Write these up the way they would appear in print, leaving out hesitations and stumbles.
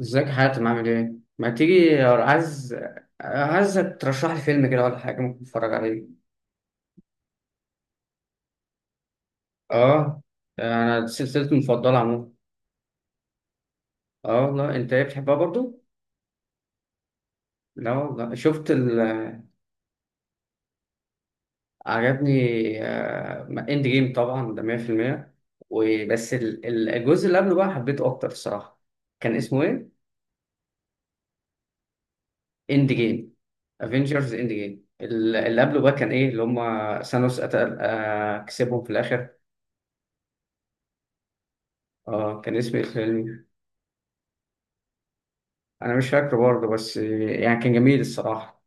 ازيك يا حاتم؟ عامل ايه؟ ما تيجي عايز عايزك ترشح لي فيلم كده ولا حاجة ممكن اتفرج عليه. اه، انا دي سلسلتي المفضلة عموما. اه والله، انت ايه بتحبها برضو؟ لا والله، عجبني. اند جيم طبعا ده 100%. وبس الجزء اللي قبله بقى حبيته اكتر الصراحة. كان اسمه ايه؟ اند جيم. افنجرز اند جيم اللي قبله بقى كان ايه اللي هم ثانوس قتل كسبهم في الاخر. اه، كان اسمه ايه الفيلم؟ انا مش فاكره برضه، بس يعني كان جميل الصراحه.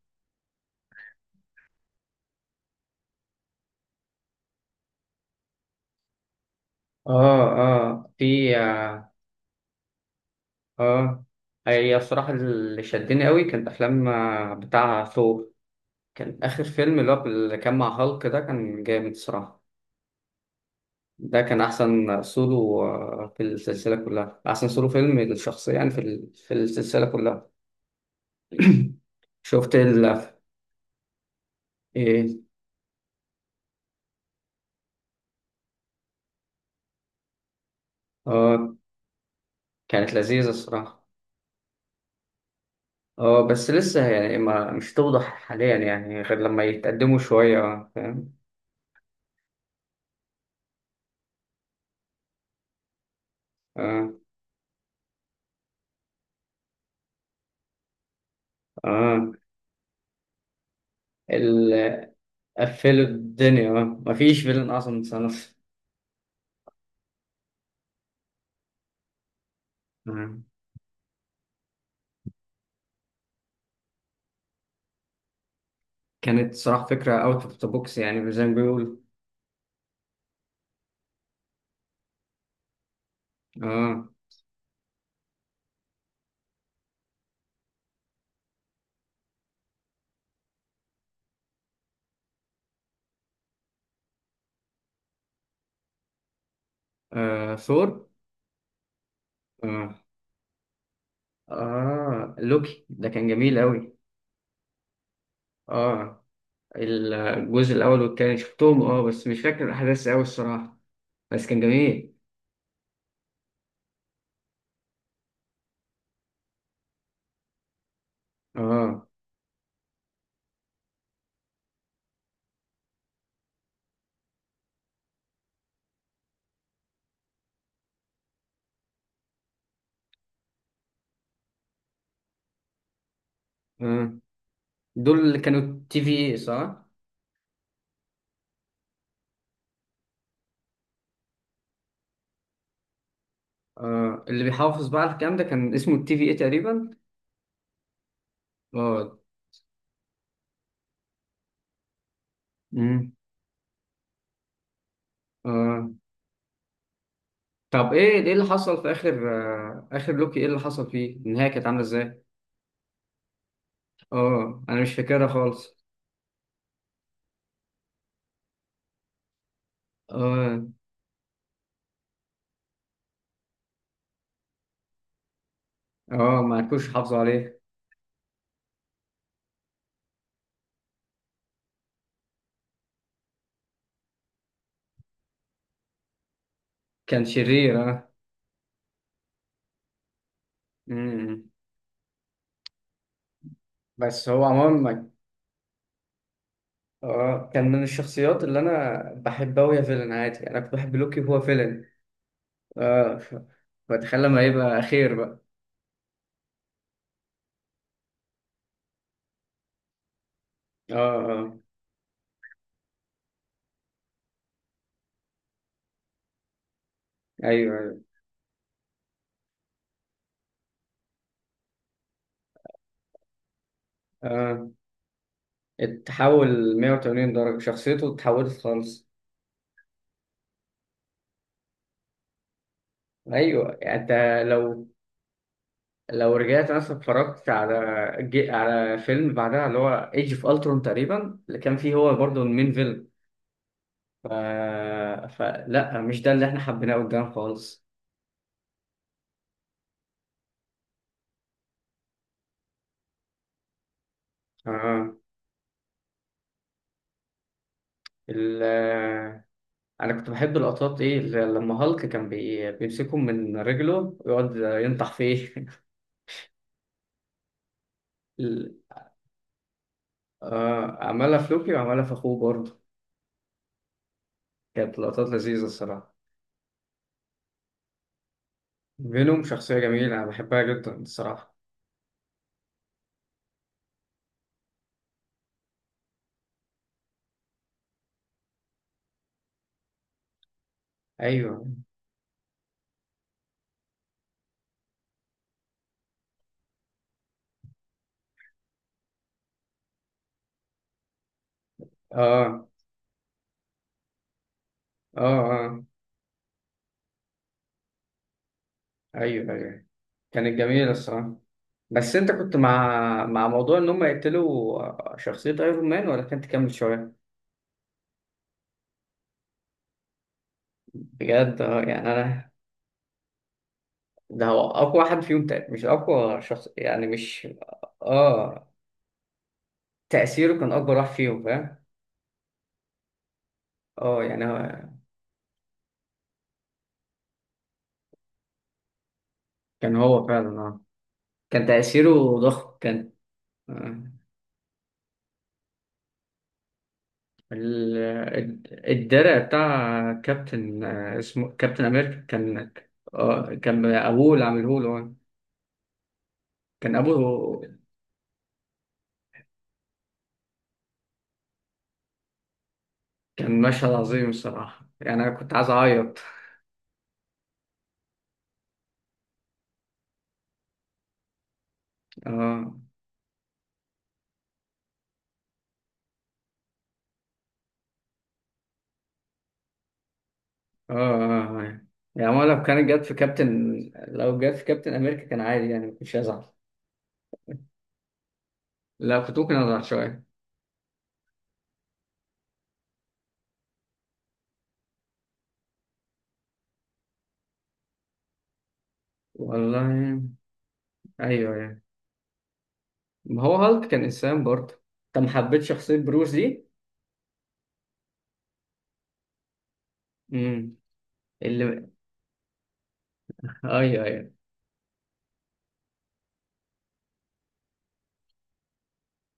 اه اه في اه آه. هي الصراحه اللي شدني قوي كانت افلام بتاع ثور. كان اخر فيلم اللي هو اللي كان مع هالك ده كان جامد الصراحه. ده كان احسن سولو، في السلسله كلها احسن سولو فيلم للشخصيه، يعني في في السلسله كلها. شفت ال ايه. اه، كانت لذيذه الصراحه. اه، بس لسه يعني ما مش توضح حاليا، يعني غير لما يتقدموا شويه، فاهم. اه اه ال- قفلوا الدنيا. اه، مفيش فيلن اصلا متصنف. آه، كانت صراحة فكرة اوت اوف ذا بوكس، يعني زي ما بيقولوا. اه. ثور. اه اه، لوكي ده كان جميل قوي. اه، الجزء الاول والتاني شفتهم، اه بس مش فاكر الاحداث قوي الصراحة. بس كان جميل. اه اه، دول اللي كانوا تي في اي، صح؟ اه، اللي بيحافظ بقى على الكلام ده كان اسمه التي في اي تقريبا. اه. امم. اه، طب ايه ايه اللي حصل في اخر اخر لوكي؟ ايه اللي حصل فيه؟ النهايه كانت عامله ازاي؟ اه، انا مش فاكرها خالص. اه اه، ما كنتش حافظه عليه. كان شرير، اه. امم. بس هو عموما، اه، كان من الشخصيات اللي انا بحبها وهي فيلن. عادي، انا كنت بحب لوكي وهو فيلن. اه، فتخيل لما يبقى خير بقى. اه اه. ايوه ايوه. اه، اتحول 180 درجه، شخصيته اتحولت خالص. ايوه يعني انت، لو لو رجعت مثلا اتفرجت على على فيلم بعدها اللي هو ايج اوف الترون تقريبا، اللي كان فيه هو برضه المين فيلم. ف... فلا، مش ده اللي احنا حبيناه قدام خالص. اه. ال... انا كنت بحب اللقطات ايه اللي لما هالك كان بيمسكهم من رجله ويقعد ينطح فيه. ال- اه، عملها في لوكي وعملها في اخوه برضه. كانت لقطات لذيذة الصراحة. فينوم شخصية جميلة، انا بحبها جدا الصراحة. ايوه. اه اه اه. ايوه ايوه. كانت جميلة الصراحة. بس انت كنت مع موضوع ان هم يقتلوا شخصية ايرون مان، ولا كنت تكمل شوية؟ بجد اه، يعني انا، ده هو اقوى واحد فيهم مش اقوى شخص يعني مش. اه، تأثيره كان اكبر واحد فيهم، فاهم. اه يعني هو، كان هو فعلا اه. كان تأثيره ضخم كان. آه. ال- الدرع بتاع كابتن، اسمه كابتن امريكا كان، اه، كان ابوه اللي عامله له. آه، كان ابوه. كان مشهد عظيم الصراحة، يعني أنا كنت عايز أعيط. آه آه. يعني هو لو كانت جت في كابتن، لو جت في كابتن أمريكا كان عادي، يعني ما كنتش هزعل. لا، كنت ممكن أزعل شوية. والله أيوه أيوه. ما هو هالك كان إنسان برضه. أنت ما حبيتش شخصية بروس دي؟ امم. اللي، أيوه أيوه،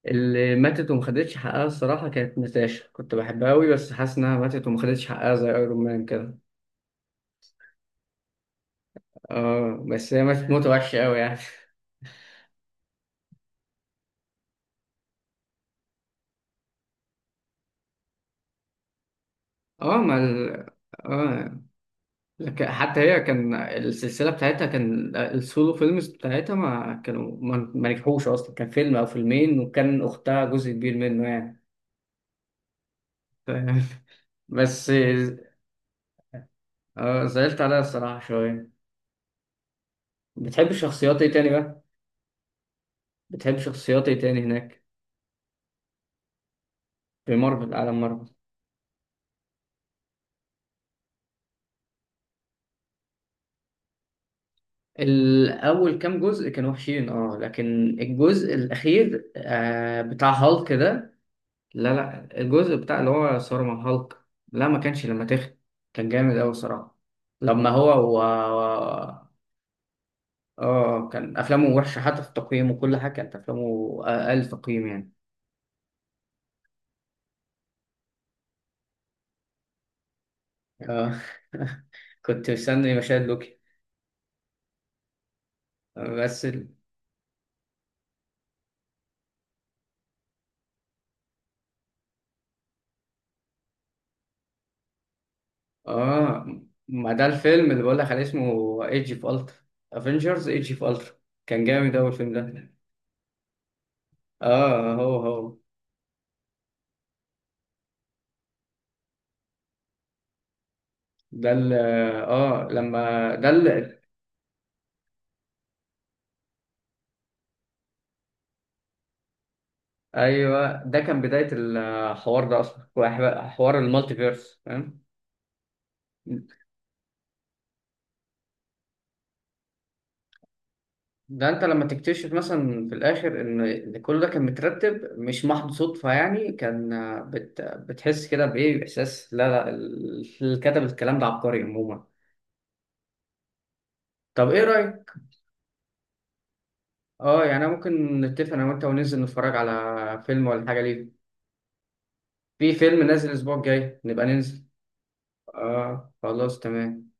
اللي ماتت وما خدتش حقها الصراحة كانت ناتاشا. كنت بحبها أوي، بس حاسس إنها ماتت وما خدتش حقها زي أيرون مان كده. آه، بس هي ماتت موتة وحشة أوي يعني. اه. ما ال... اه، حتى هي كان السلسلة بتاعتها، كان السولو فيلمز بتاعتها ما كانوا ما ما نجحوش أصلا. كان فيلم أو فيلمين، وكان أختها جزء كبير منه يعني، فاهم؟ بس زعلت عليها الصراحة شوية. بتحب شخصيات إيه تاني بقى؟ بتحب شخصيات إيه تاني هناك، في مارفل، عالم مارفل؟ الأول كام جزء كانوا وحشين أه، لكن الجزء الأخير آه بتاع هالك ده. لا لا، الجزء بتاع اللي هو صار مع هالك. لا، ما كانش لما تخن. كان جامد أوي صراحة. لما هو اه، كان أفلامه وحشة، حتى في التقييم وكل حاجة كانت أفلامه أقل تقييم يعني. اه. كنت مستني مشاهد لوكي. بس ال... اه، ما ده الفيلم اللي بقول لك عليه اسمه ايج اوف الترا. افنجرز ايج اوف الترا. كان جامد أوي الفيلم ده. اه، هو ده. ال اه لما ده ايوه، ده كان بدايه الحوار ده اصلا، حوار المالتي فيرس، فاهم. ده انت لما تكتشف مثلا في الاخر ان كل ده كان مترتب، مش محض صدفه يعني. كان بتحس كده بايه، باحساس لا لا، اللي كتب الكلام ده عبقري عموما. طب ايه رايك؟ اه يعني، أنا ممكن نتفق انا وانت وننزل نتفرج على فيلم ولا حاجه، ليه؟ في فيلم نازل الاسبوع الجاي، نبقى ننزل. اه خلاص تمام.